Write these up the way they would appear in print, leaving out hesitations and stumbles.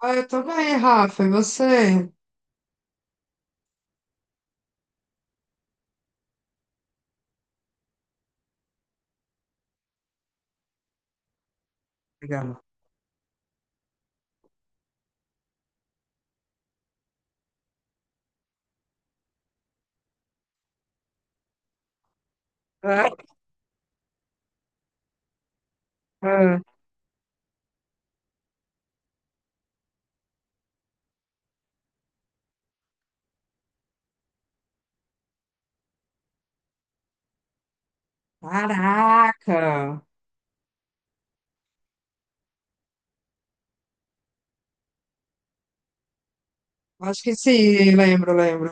Ah, eu tô bem, Rafa. E você? Legal. Ah, ah. Caraca! Acho que sim, lembro.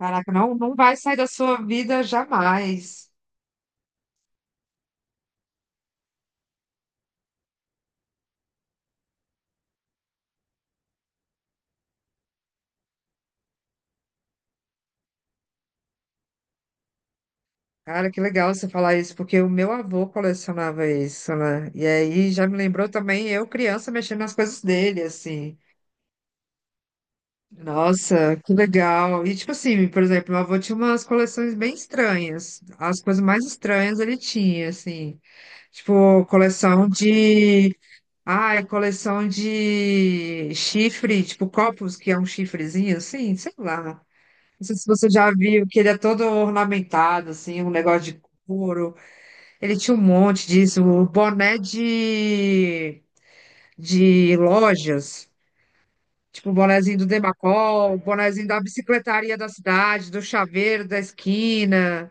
Caraca, não vai sair da sua vida jamais. Cara, que legal você falar isso, porque o meu avô colecionava isso, né? E aí já me lembrou também eu, criança, mexendo nas coisas dele, assim. Nossa, que legal. E tipo assim, por exemplo, meu avô tinha umas coleções bem estranhas. As coisas mais estranhas ele tinha, assim. Tipo, coleção de. Ah, é coleção de chifre, tipo copos, que é um chifrezinho assim, sei lá. Não sei se você já viu, que ele é todo ornamentado, assim, um negócio de couro. Ele tinha um monte disso, o boné de lojas, tipo o bonézinho do Demacol, o bonézinho da bicicletaria da cidade, do chaveiro da esquina.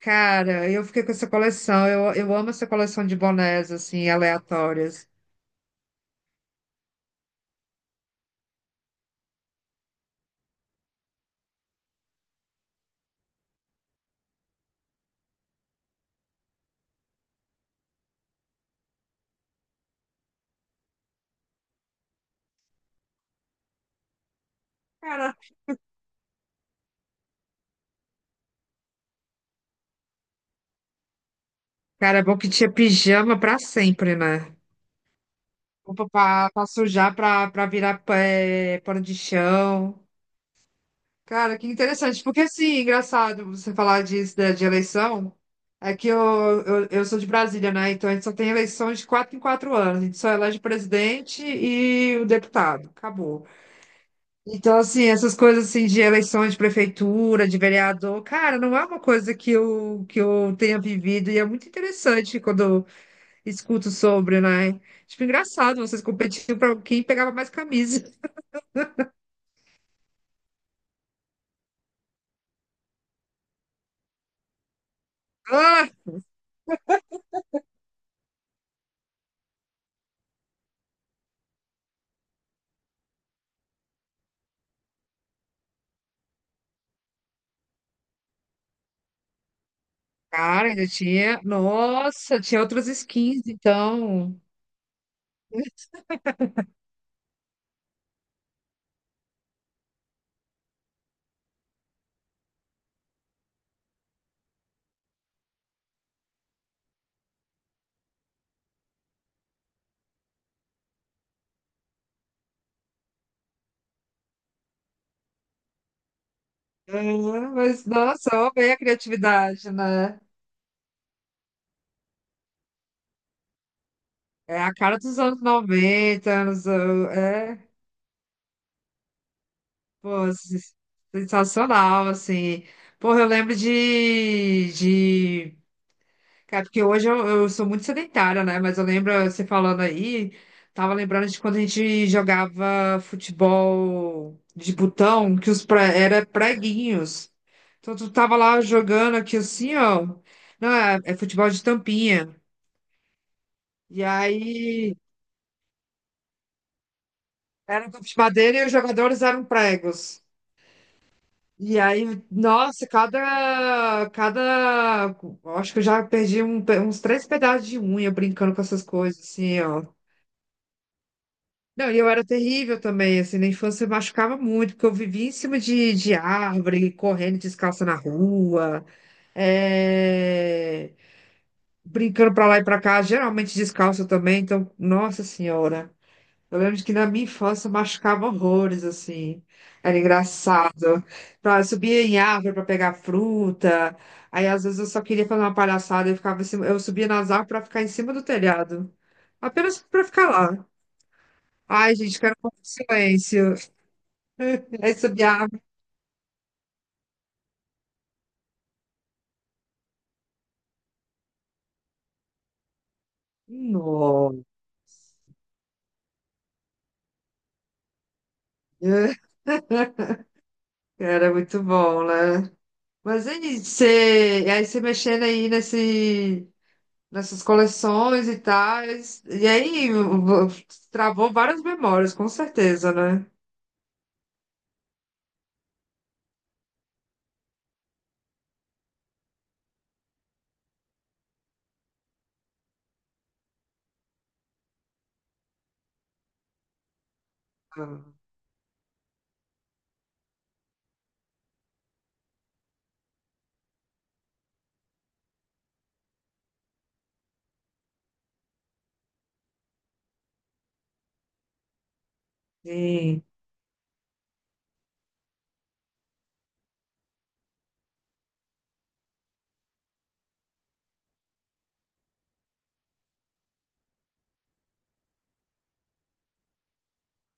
Cara, eu fiquei com essa coleção, eu amo essa coleção de bonés, assim, aleatórias. Cara, Cara, é bom que tinha pijama pra sempre, né? Roupa pra, pra sujar, pra, pra virar pé, pano de chão. Cara, que interessante. Porque, assim, engraçado você falar disso, né, de eleição. É que eu sou de Brasília, né? Então a gente só tem eleição de quatro em quatro anos. A gente só elege o presidente e o deputado. Acabou. Então, assim, essas coisas assim de eleições de prefeitura, de vereador, cara, não é uma coisa que eu tenha vivido. E é muito interessante quando escuto sobre, né? Tipo, engraçado, vocês competiam pra quem pegava mais camisa. Ah, cara, ainda tinha. Nossa, tinha outras skins, então. É, mas, nossa, ó, bem a criatividade, né? É a cara dos anos 90 anos. É, pô, sensacional, assim. Porra, eu lembro de, Cara, porque hoje eu sou muito sedentária, né? Mas eu lembro você falando aí, tava lembrando de quando a gente jogava futebol de botão, que os era preguinhos. Então tu tava lá jogando aqui assim, ó. Não, é futebol de tampinha. E aí era um campo de madeira e os jogadores eram pregos. E aí, nossa, cada, acho que eu já perdi uns três pedaços de unha brincando com essas coisas, assim, ó. Não, e eu era terrível também, assim, na infância eu machucava muito, porque eu vivia em cima de árvore, correndo descalça na rua, é, brincando pra lá e pra cá, geralmente descalça também, então, nossa senhora. Eu lembro de que na minha infância eu machucava horrores, assim, era engraçado. Pra, eu subia em árvore pra pegar fruta, aí às vezes eu só queria fazer uma palhaçada, eu ficava em cima- eu subia nas árvores pra ficar em cima do telhado, apenas pra ficar lá. Ai, gente, quero um pouco de silêncio. Aí subia a. Nossa, era muito bom, né? Mas aí você, e aí você mexendo aí nessas coleções e tal, travou várias memórias, com certeza, né? Ah. Sim.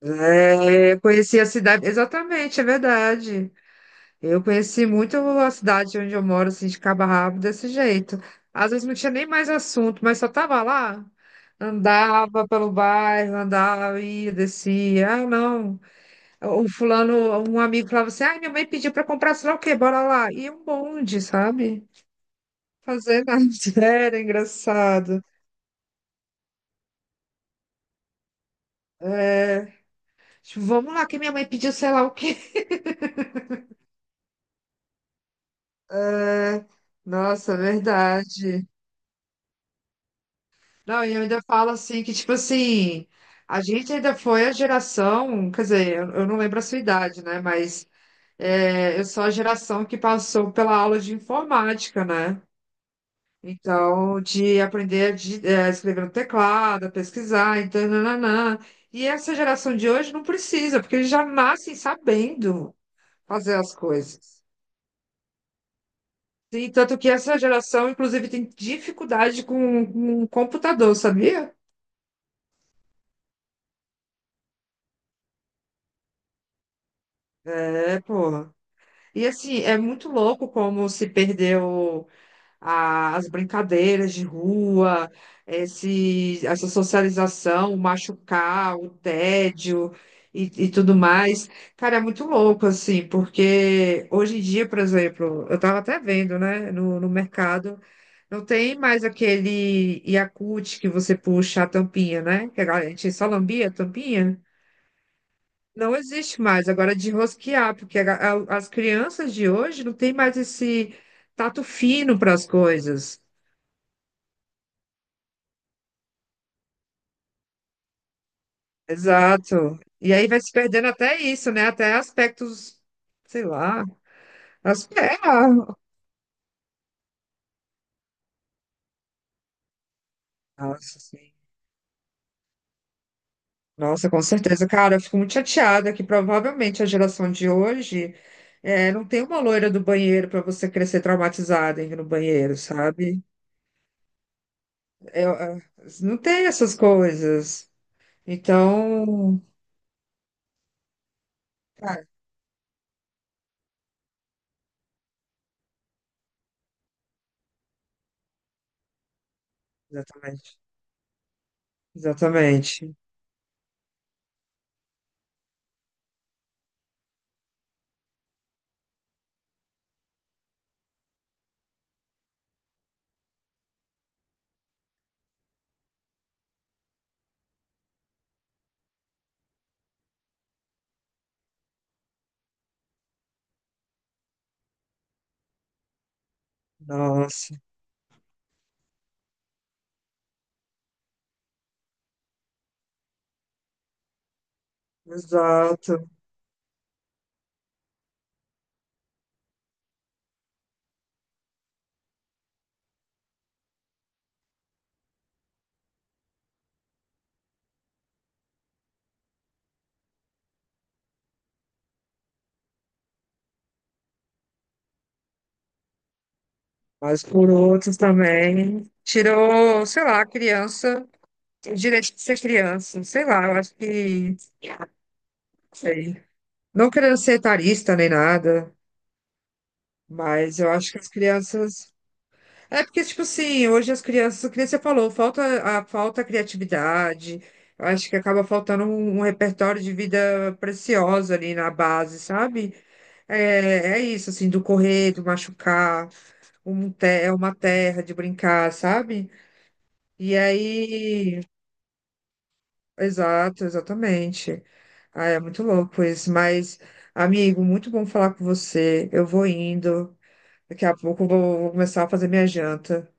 É, eu conheci a cidade, exatamente, é verdade. Eu conheci muito a cidade onde eu moro, assim, de cabo a rabo, desse jeito. Às vezes não tinha nem mais assunto, mas só tava lá. Andava pelo bairro, andava, ia, descia. Ah, não. O fulano, um amigo falava assim, ah, minha mãe pediu pra comprar, sei lá o quê, bora lá. E um bonde, sabe? Fazer nada. Era engraçado. É, tipo, vamos lá, que minha mãe pediu sei lá o quê. É, nossa, é verdade. Não, e eu ainda falo assim que, tipo assim, a gente ainda foi a geração, quer dizer, eu não lembro a sua idade, né? Mas é, eu sou a geração que passou pela aula de informática, né? Então, de é, escrever no teclado, a pesquisar, então, nananã. E essa geração de hoje não precisa, porque eles já nascem sabendo fazer as coisas. Sim, tanto que essa geração, inclusive, tem dificuldade com computador, sabia? É, pô. E assim, é muito louco como se perdeu as brincadeiras de rua, essa socialização, o machucar, o tédio e tudo mais. Cara, é muito louco, assim, porque hoje em dia, por exemplo, eu estava até vendo, né, no mercado, não tem mais aquele Yakult que você puxa a tampinha, né? Que a gente só lambia a tampinha. Não existe mais agora de rosquear, porque as crianças de hoje não têm mais esse tato fino para as coisas. Exato. E aí vai se perdendo até isso, né? Até aspectos, sei lá, as... é, ah, nossa, sim. Nossa, com certeza, cara, eu fico muito chateada que provavelmente a geração de hoje não tem uma loira do banheiro para você crescer traumatizada indo no banheiro, sabe? Eu- eu- não tem essas coisas. Então, exatamente. Exatamente. Nossa, exato. Mas por outros também tirou, sei lá, a criança, o direito de ser criança, sei lá, eu acho que, não sei. Não querendo ser etarista nem nada, mas eu acho que as crianças. É porque, tipo assim, hoje as crianças, que nem você falou, falta a falta a criatividade. Eu acho que acaba faltando um repertório de vida preciosa ali na base, sabe? É, é isso, assim, do correr, do machucar, é uma terra de brincar, sabe? E aí, exato, exatamente. Ah, é muito louco isso, mas, amigo, muito bom falar com você. Eu vou indo, daqui a pouco vou começar a fazer minha janta.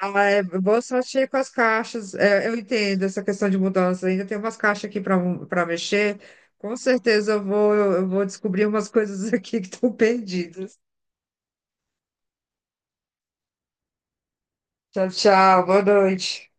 Ah, é, boa sorte aí com as caixas. É, eu entendo essa questão de mudança, ainda tem umas caixas aqui para mexer. Com certeza eu vou descobrir umas coisas aqui que estão perdidas. Tchau, tchau. Boa noite.